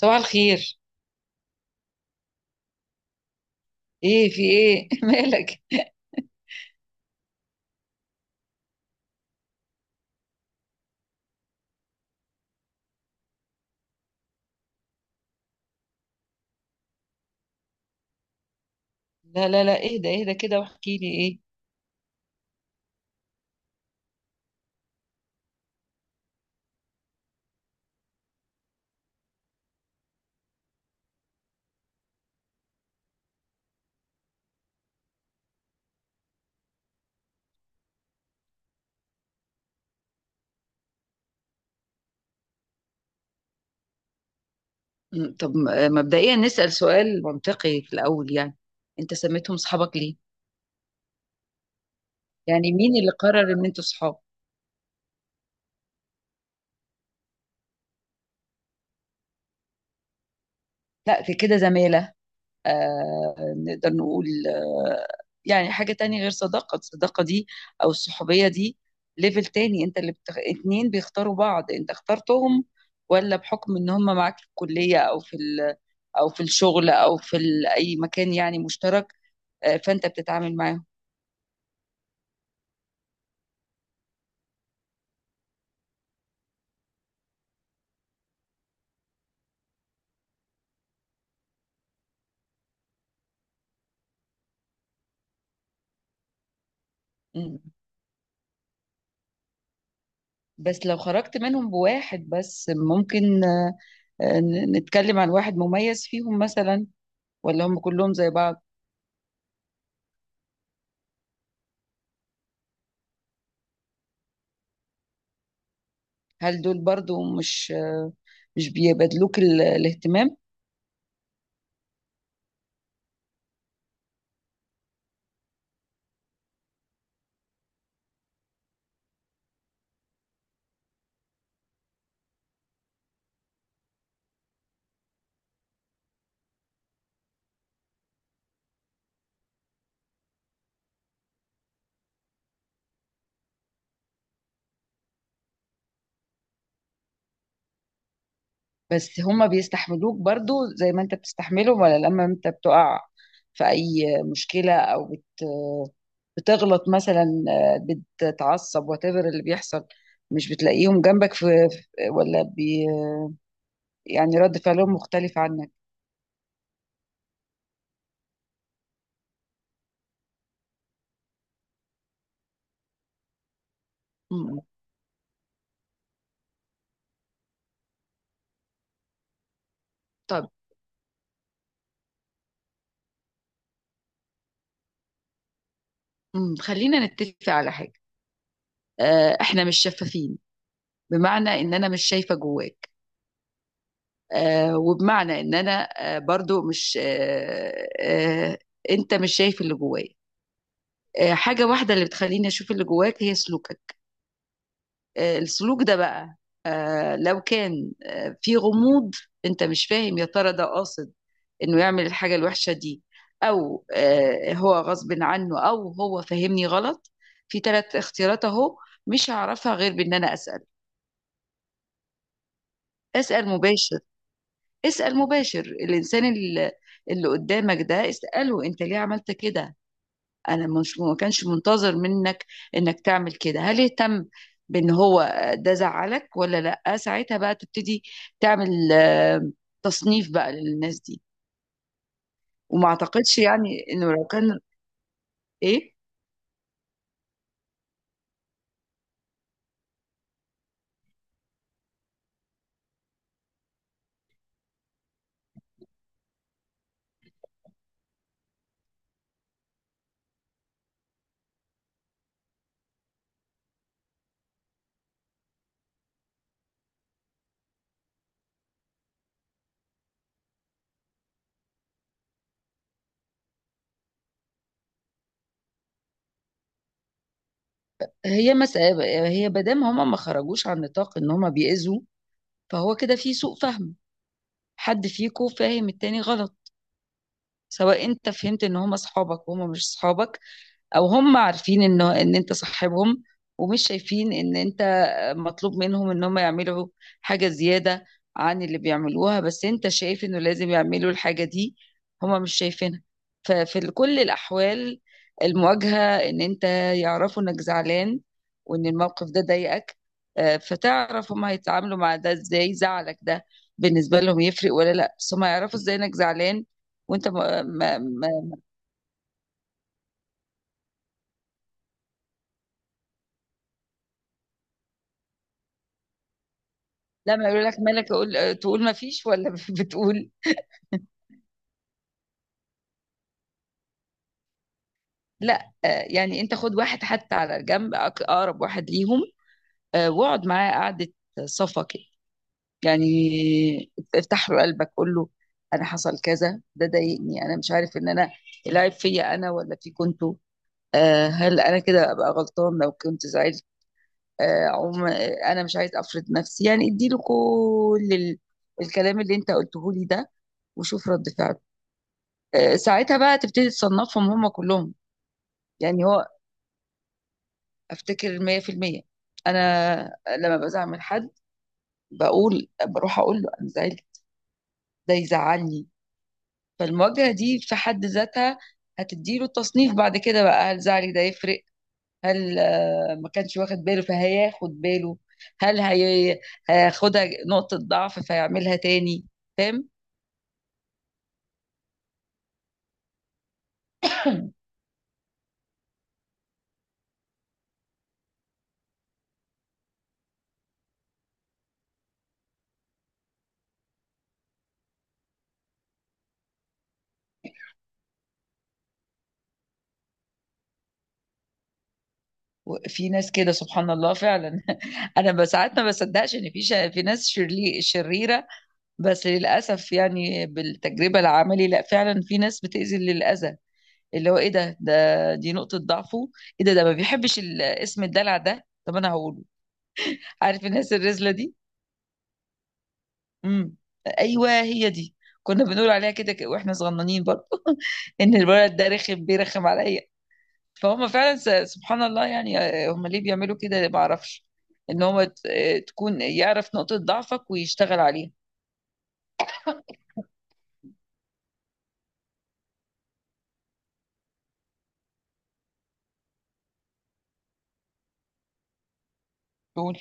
صباح الخير. ايه، في ايه مالك؟ لا لا لا، اهدى اهدى كده واحكي لي ايه. طب مبدئيا نسأل سؤال منطقي في الأول، يعني أنت سميتهم صحابك ليه؟ يعني مين اللي قرر إن أنتوا صحاب؟ لا، في كده زمالة. آه، نقدر نقول آه، يعني حاجة تانية غير صداقة. الصداقة دي أو الصحوبية دي ليفل تاني. أنت اللي اتنين بيختاروا بعض، أنت اخترتهم، ولا بحكم إن هم معاك في الكلية أو في او في الشغل او في اي مكان يعني مشترك، فانت بتتعامل معاهم. مم. بس لو خرجت منهم بواحد بس ممكن، آه، نتكلم عن واحد مميز فيهم مثلا ولا هم كلهم زي بعض؟ هل دول برضو مش بيبادلوك الاهتمام؟ بس هم بيستحملوك برضو زي ما انت بتستحملهم، ولا لما انت بتقع في اي مشكلة او بتغلط مثلا، بتتعصب whatever اللي بيحصل، مش بتلاقيهم جنبك ولا يعني رد فعلهم مختلف عنك؟ مم. طب، خلينا نتفق على حاجة. احنا مش شفافين، بمعنى ان انا مش شايفة جواك، وبمعنى ان انا برضو مش، انت مش شايف اللي جوايا. حاجة واحدة اللي بتخليني اشوف اللي جواك هي سلوكك. السلوك ده بقى، لو كان في غموض، انت مش فاهم يا ترى ده قاصد انه يعمل الحاجة الوحشة دي، او هو غصب عنه، او هو فاهمني غلط. في ثلاث اختيارات اهو، مش هعرفها غير بان انا اسأل. اسأل مباشر، اسأل مباشر الانسان اللي قدامك ده، اسأله انت ليه عملت كده. انا مش ما كانش منتظر منك انك تعمل كده، هل اهتم بان هو ده زعلك ولا لا. ساعتها بقى تبتدي تعمل تصنيف بقى للناس دي، وما اعتقدش يعني انه لو كان ايه. هي مادام هما ما خرجوش عن نطاق ان هما بيأذوا، فهو كده في سوء فهم. حد فيكو فاهم التاني غلط، سواء انت فهمت ان هما اصحابك وهما مش اصحابك، او هم عارفين ان انت صاحبهم ومش شايفين ان انت مطلوب منهم ان هم يعملوا حاجة زيادة عن اللي بيعملوها، بس انت شايف انه لازم يعملوا الحاجة دي، هم مش شايفينها. ففي كل الاحوال، المواجهة ان انت يعرفوا انك زعلان وان الموقف ده ضايقك، فتعرف هم هيتعاملوا مع ده ازاي. زعلك ده بالنسبة لهم يفرق ولا لا، بس هم يعرفوا ازاي انك زعلان وانت. لما يقول لك مالك اقول تقول ما فيش ولا بتقول؟ لا، يعني انت خد واحد حتى على جنب، اقرب واحد ليهم، واقعد معاه قعده صفا كده، يعني افتح له قلبك قول له انا حصل كذا، ده ضايقني، انا مش عارف ان انا العيب فيا انا ولا في كنتوا. هل انا كده ابقى غلطان لو كنت زعلت؟ آه، عم آه، انا مش عايز افرض نفسي، يعني اديله كل الكلام اللي انت قلته لي ده وشوف رد فعله. ساعتها بقى تبتدي تصنفهم هم كلهم. يعني هو افتكر 100%. انا لما بزعل من حد بقول بروح اقول له انا زعلت، ده يزعلني. فالمواجهه دي في حد ذاتها هتديله التصنيف بعد كده بقى. هل زعلي ده يفرق؟ هل ما كانش واخد باله فهياخد باله؟ هل هياخدها نقطه ضعف فيعملها تاني؟ فاهم؟ في ناس كده سبحان الله فعلا. انا ساعات ما بصدقش ان في ناس شريره. بس للأسف يعني بالتجربة العملي لا، فعلا في ناس بتأذي للأذى، اللي هو ايه ده، دي نقطة ضعفه. ايه ده، ما بيحبش اسم الدلع ده، طب انا هقوله. عارف الناس الرزلة دي؟ امم ايوه، هي دي. كنا بنقول عليها كده، واحنا صغننين برضه. ان الولد ده رخم، بيرخم عليا. فهم فعلا، سبحان الله. يعني هم ليه بيعملوا كده ما اعرفش. ان هو تكون يعرف نقطة ضعفك ويشتغل عليها. دول.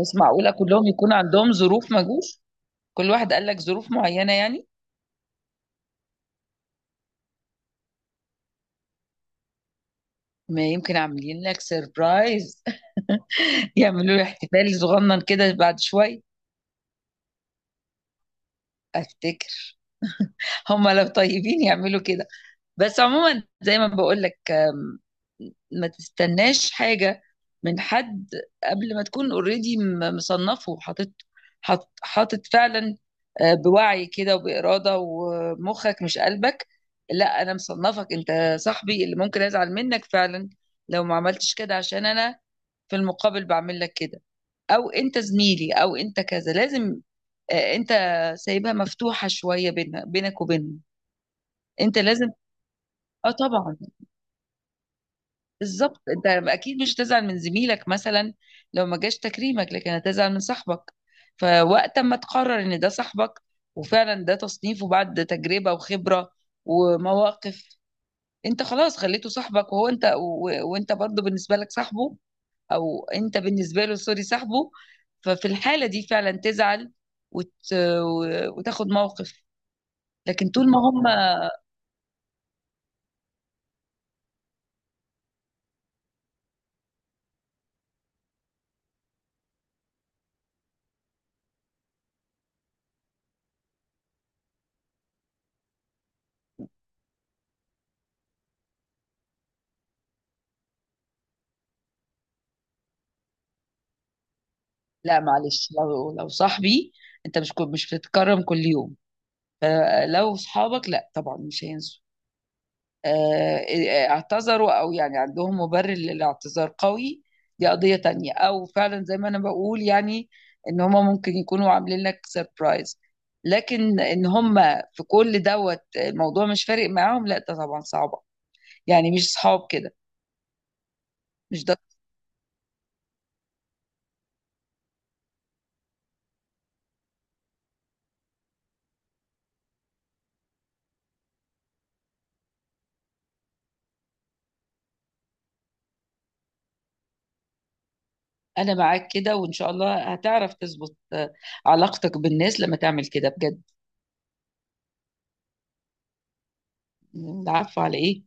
بس معقولة كلهم يكون عندهم ظروف ما جوش؟ كل واحد قال لك ظروف معينة يعني؟ ما يمكن عاملين لك سيربرايز، يعملوا له احتفال صغنن كده بعد شوية. افتكر، هم لو طيبين يعملوا كده. بس عموما زي ما بقول لك، ما تستناش حاجة من حد قبل ما تكون اوريدي مصنفه وحاطط، حاطط فعلا، بوعي كده وبإرادة، ومخك مش قلبك. لا، أنا مصنفك أنت صاحبي اللي ممكن أزعل منك فعلا لو ما عملتش كده عشان أنا في المقابل بعمل لك كده، او انت زميلي او انت كذا. لازم انت سايبها مفتوحه شويه بينها بينك وبينهم. انت لازم. اه، طبعا. بالظبط، انت اكيد مش هتزعل من زميلك مثلا لو ما جاش تكريمك، لكن هتزعل من صاحبك. فوقت ما تقرر ان ده صاحبك، وفعلا ده تصنيفه بعد تجربه وخبره ومواقف، انت خلاص خليته صاحبك، وهو انت وانت برضه بالنسبه لك صاحبه، او انت بالنسبه له، سوري، صاحبه. ففي الحاله دي فعلا تزعل وت... وتاخد موقف. لكن طول ما هم. لا معلش، لو صاحبي، انت مش بتتكرم كل يوم، فلو صحابك لا طبعا مش هينسوا. آه، اعتذروا او يعني عندهم مبرر للاعتذار قوي، دي قضية تانية، او فعلا زي ما انا بقول يعني، ان هما ممكن يكونوا عاملين لك سيربرايز. لكن ان هما في كل دوت الموضوع مش فارق معاهم، لا ده طبعا صعبة، يعني مش صحاب كده، مش ده. انا معاك كده، وان شاء الله هتعرف تظبط علاقتك بالناس لما تعمل كده بجد. عارفة على ايه؟